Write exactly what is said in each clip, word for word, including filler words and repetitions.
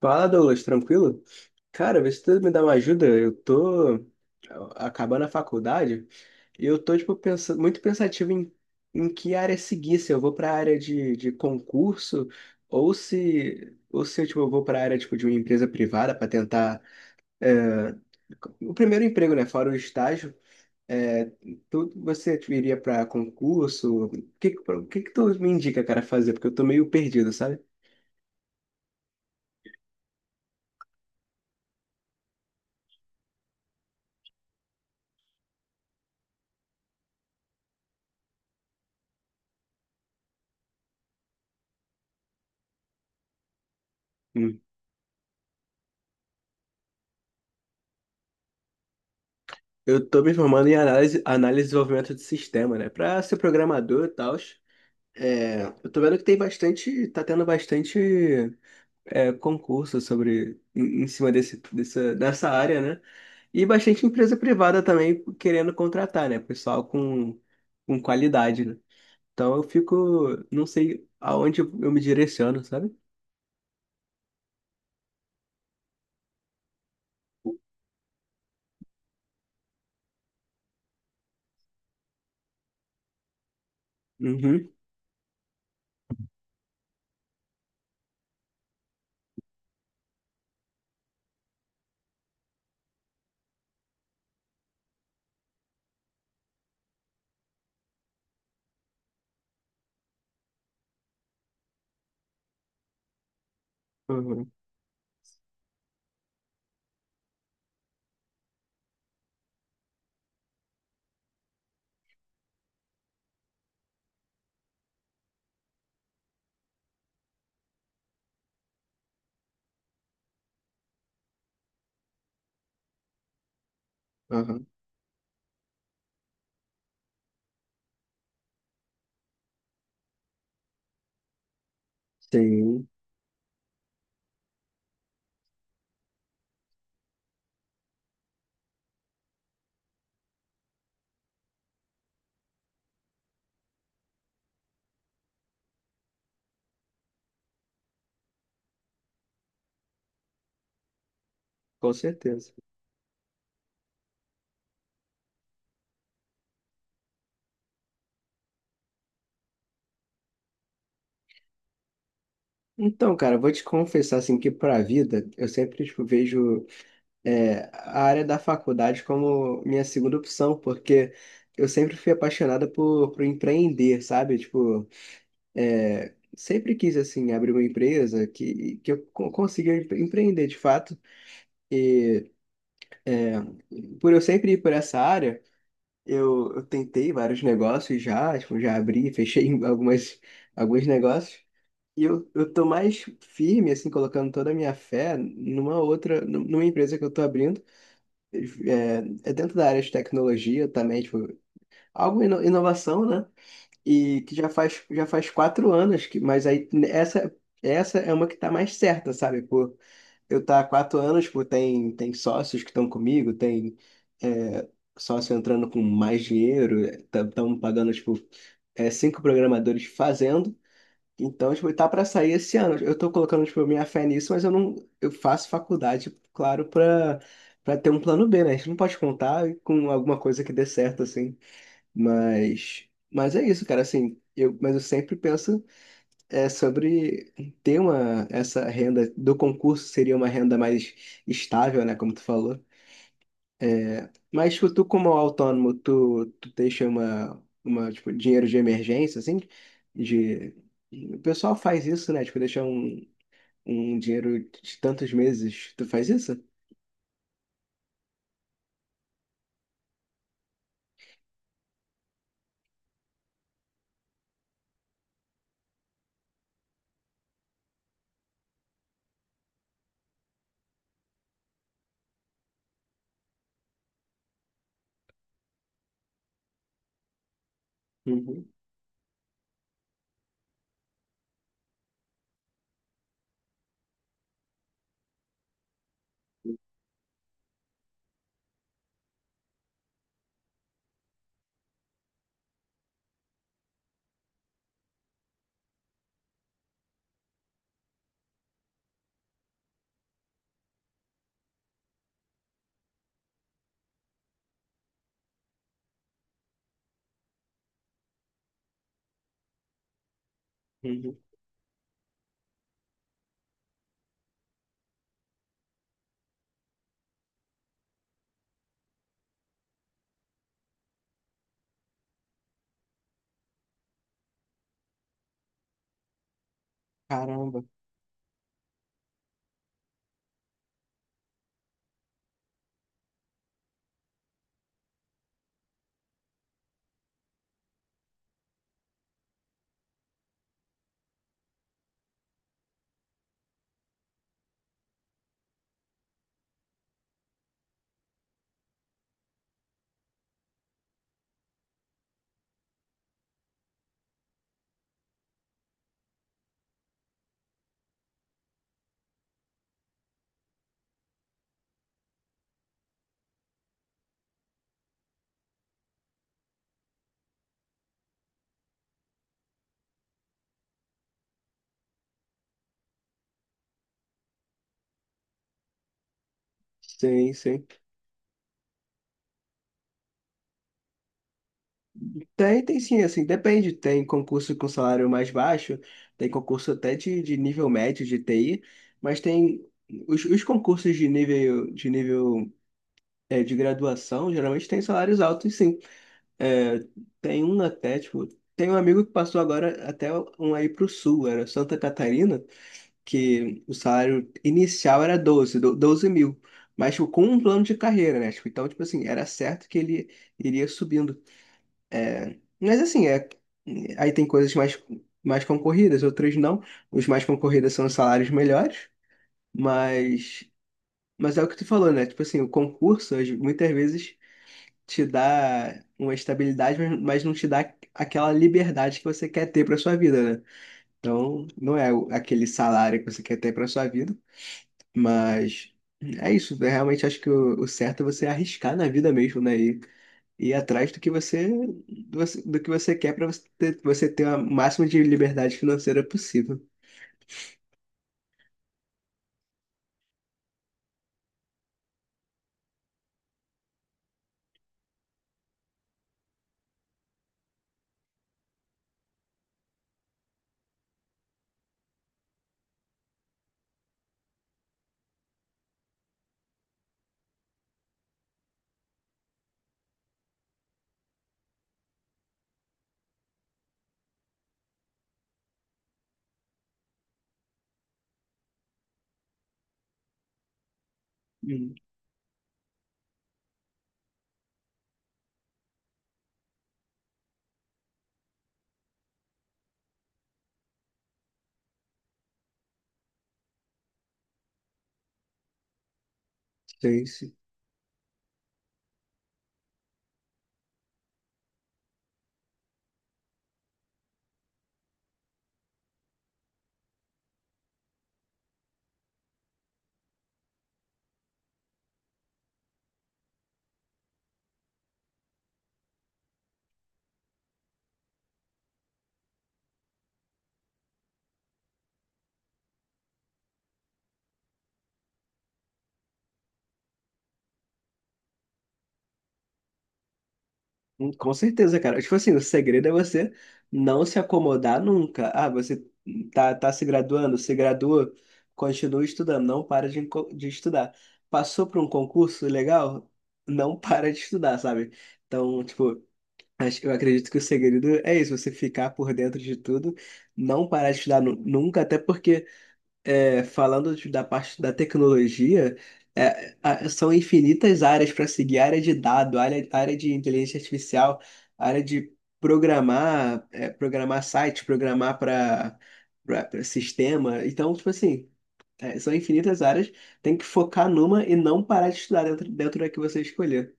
Fala, Douglas, tranquilo? Cara, vê se tu me dá uma ajuda. Eu tô acabando a faculdade e eu tô, tipo, pensando, muito pensativo em, em que área seguir, se eu vou pra área de, de concurso ou se, ou se eu, tipo, eu vou pra área, tipo, de uma empresa privada pra tentar o primeiro emprego, né? Fora o estágio. É, tu, você tipo, iria pra concurso? O que, o que que tu me indica, cara, fazer? Porque eu tô meio perdido, sabe? Hum. Eu tô me formando em análise, análise e desenvolvimento de sistema, né? Pra ser programador e tal. É, eu tô vendo que tem bastante, tá tendo bastante é, concurso sobre em em cima desse, dessa, dessa área, né? E bastante empresa privada também querendo contratar, né? Pessoal com, com qualidade, né? Então eu fico, não sei aonde eu eu me direciono, sabe? Uhum, uhum, uhum. Sim, com certeza. Então, cara, eu vou te confessar assim que para a vida eu sempre tipo, vejo é, a área da faculdade como minha segunda opção, porque eu sempre fui apaixonada por, por empreender, sabe? Tipo, É, sempre quis assim abrir uma empresa que, que eu co- consiga empre- empreender de fato. E é, por eu sempre ir por essa área, eu, eu tentei vários negócios já, tipo, já abri, fechei algumas, alguns negócios. E eu, eu tô mais firme, assim, colocando toda a minha fé numa outra, num- numa empresa que eu tô abrindo. É, é dentro da área de tecnologia também, tipo, algo ino- inovação, né? E que já faz, já faz quatro anos, que, mas aí essa, essa é uma que tá mais certa, sabe? Por eu estar tá há quatro anos, por tem, tem sócios que estão comigo, tem é, sócio entrando com mais dinheiro, estão pagando, tipo, é, cinco programadores fazendo. Então, tipo, tá para sair esse ano. Eu tô colocando, tipo, minha fé nisso, mas eu não, eu faço faculdade, claro, para para ter um plano B, né? A gente não pode contar com alguma coisa que dê certo assim. Mas, mas é isso, cara. Assim, eu, mas eu sempre penso é, sobre ter uma, essa renda do concurso seria uma renda mais estável, né? Como tu falou. É, mas tipo, tu, como autônomo, tu, tu deixa uma, uma, tipo, dinheiro de emergência, assim, de... O pessoal faz isso, né? Tipo, deixa um, um dinheiro de tantos meses. Tu faz isso? Uhum, uhum. Caramba. Sim, sim. Tem, tem sim, assim, depende. Tem concurso com salário mais baixo, tem concurso até de, de nível médio de T I, mas tem os, os concursos de nível de nível é, de graduação geralmente tem salários altos, sim. É, tem um até, tipo, tem um amigo que passou agora até um aí pro sul, era Santa Catarina, que o salário inicial era doze do- doze mil. Mas, tipo, com um plano de carreira, né? Tipo, então, tipo assim, era certo que ele iria subindo. É, mas assim, é, aí tem coisas mais, mais concorridas, outras não. Os mais concorridos são os salários melhores, mas, mas é o que tu falou, né? Tipo assim, o concurso às- muitas vezes te dá uma estabilidade, mas mas não te dá aquela liberdade que você quer ter para sua vida, né? Então, não é o- aquele salário que você quer ter para sua vida, mas é isso. Eu realmente acho que o, o certo é você arriscar na vida mesmo, né? E ir atrás do que você do, você- do que você quer para você ter, você ter a máxima de liberdade financeira possível. Hum. Sim, sim. Hum, com certeza, cara. Tipo assim, o segredo é você não se acomodar nunca. Ah, você tá, tá se graduando, se graduou, continua estudando, não para de, enco- de estudar. Passou por um concurso legal, não para de estudar, sabe? Então, tipo, acho, eu acredito que o segredo é isso, você ficar por dentro de tudo, não parar de estudar nu- nunca, até porque é, falando de- da parte da tecnologia, é, a- são infinitas áreas para seguir, área de dado, área, área de inteligência artificial, área de programar, é, programar site, programar para sistema. Então, tipo assim, é, são infinitas áreas, tem que focar numa e não parar de estudar dentro, dentro da que você escolher.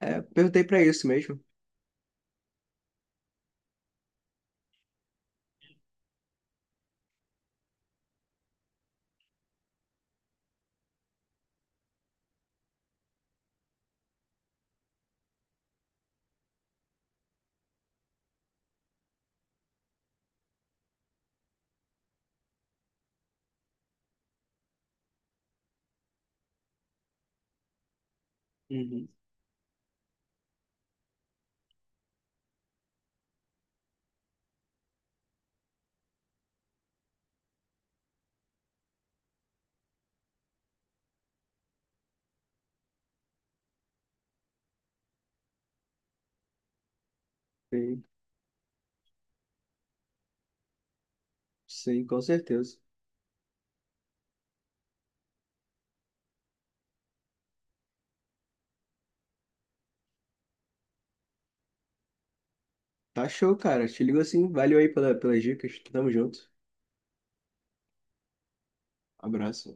É, perguntei para isso mesmo. Uhum. Sim, sim, com certeza. Tá show, cara. Te ligo assim. Valeu aí pela, pelas dicas. Tamo junto. Abraço.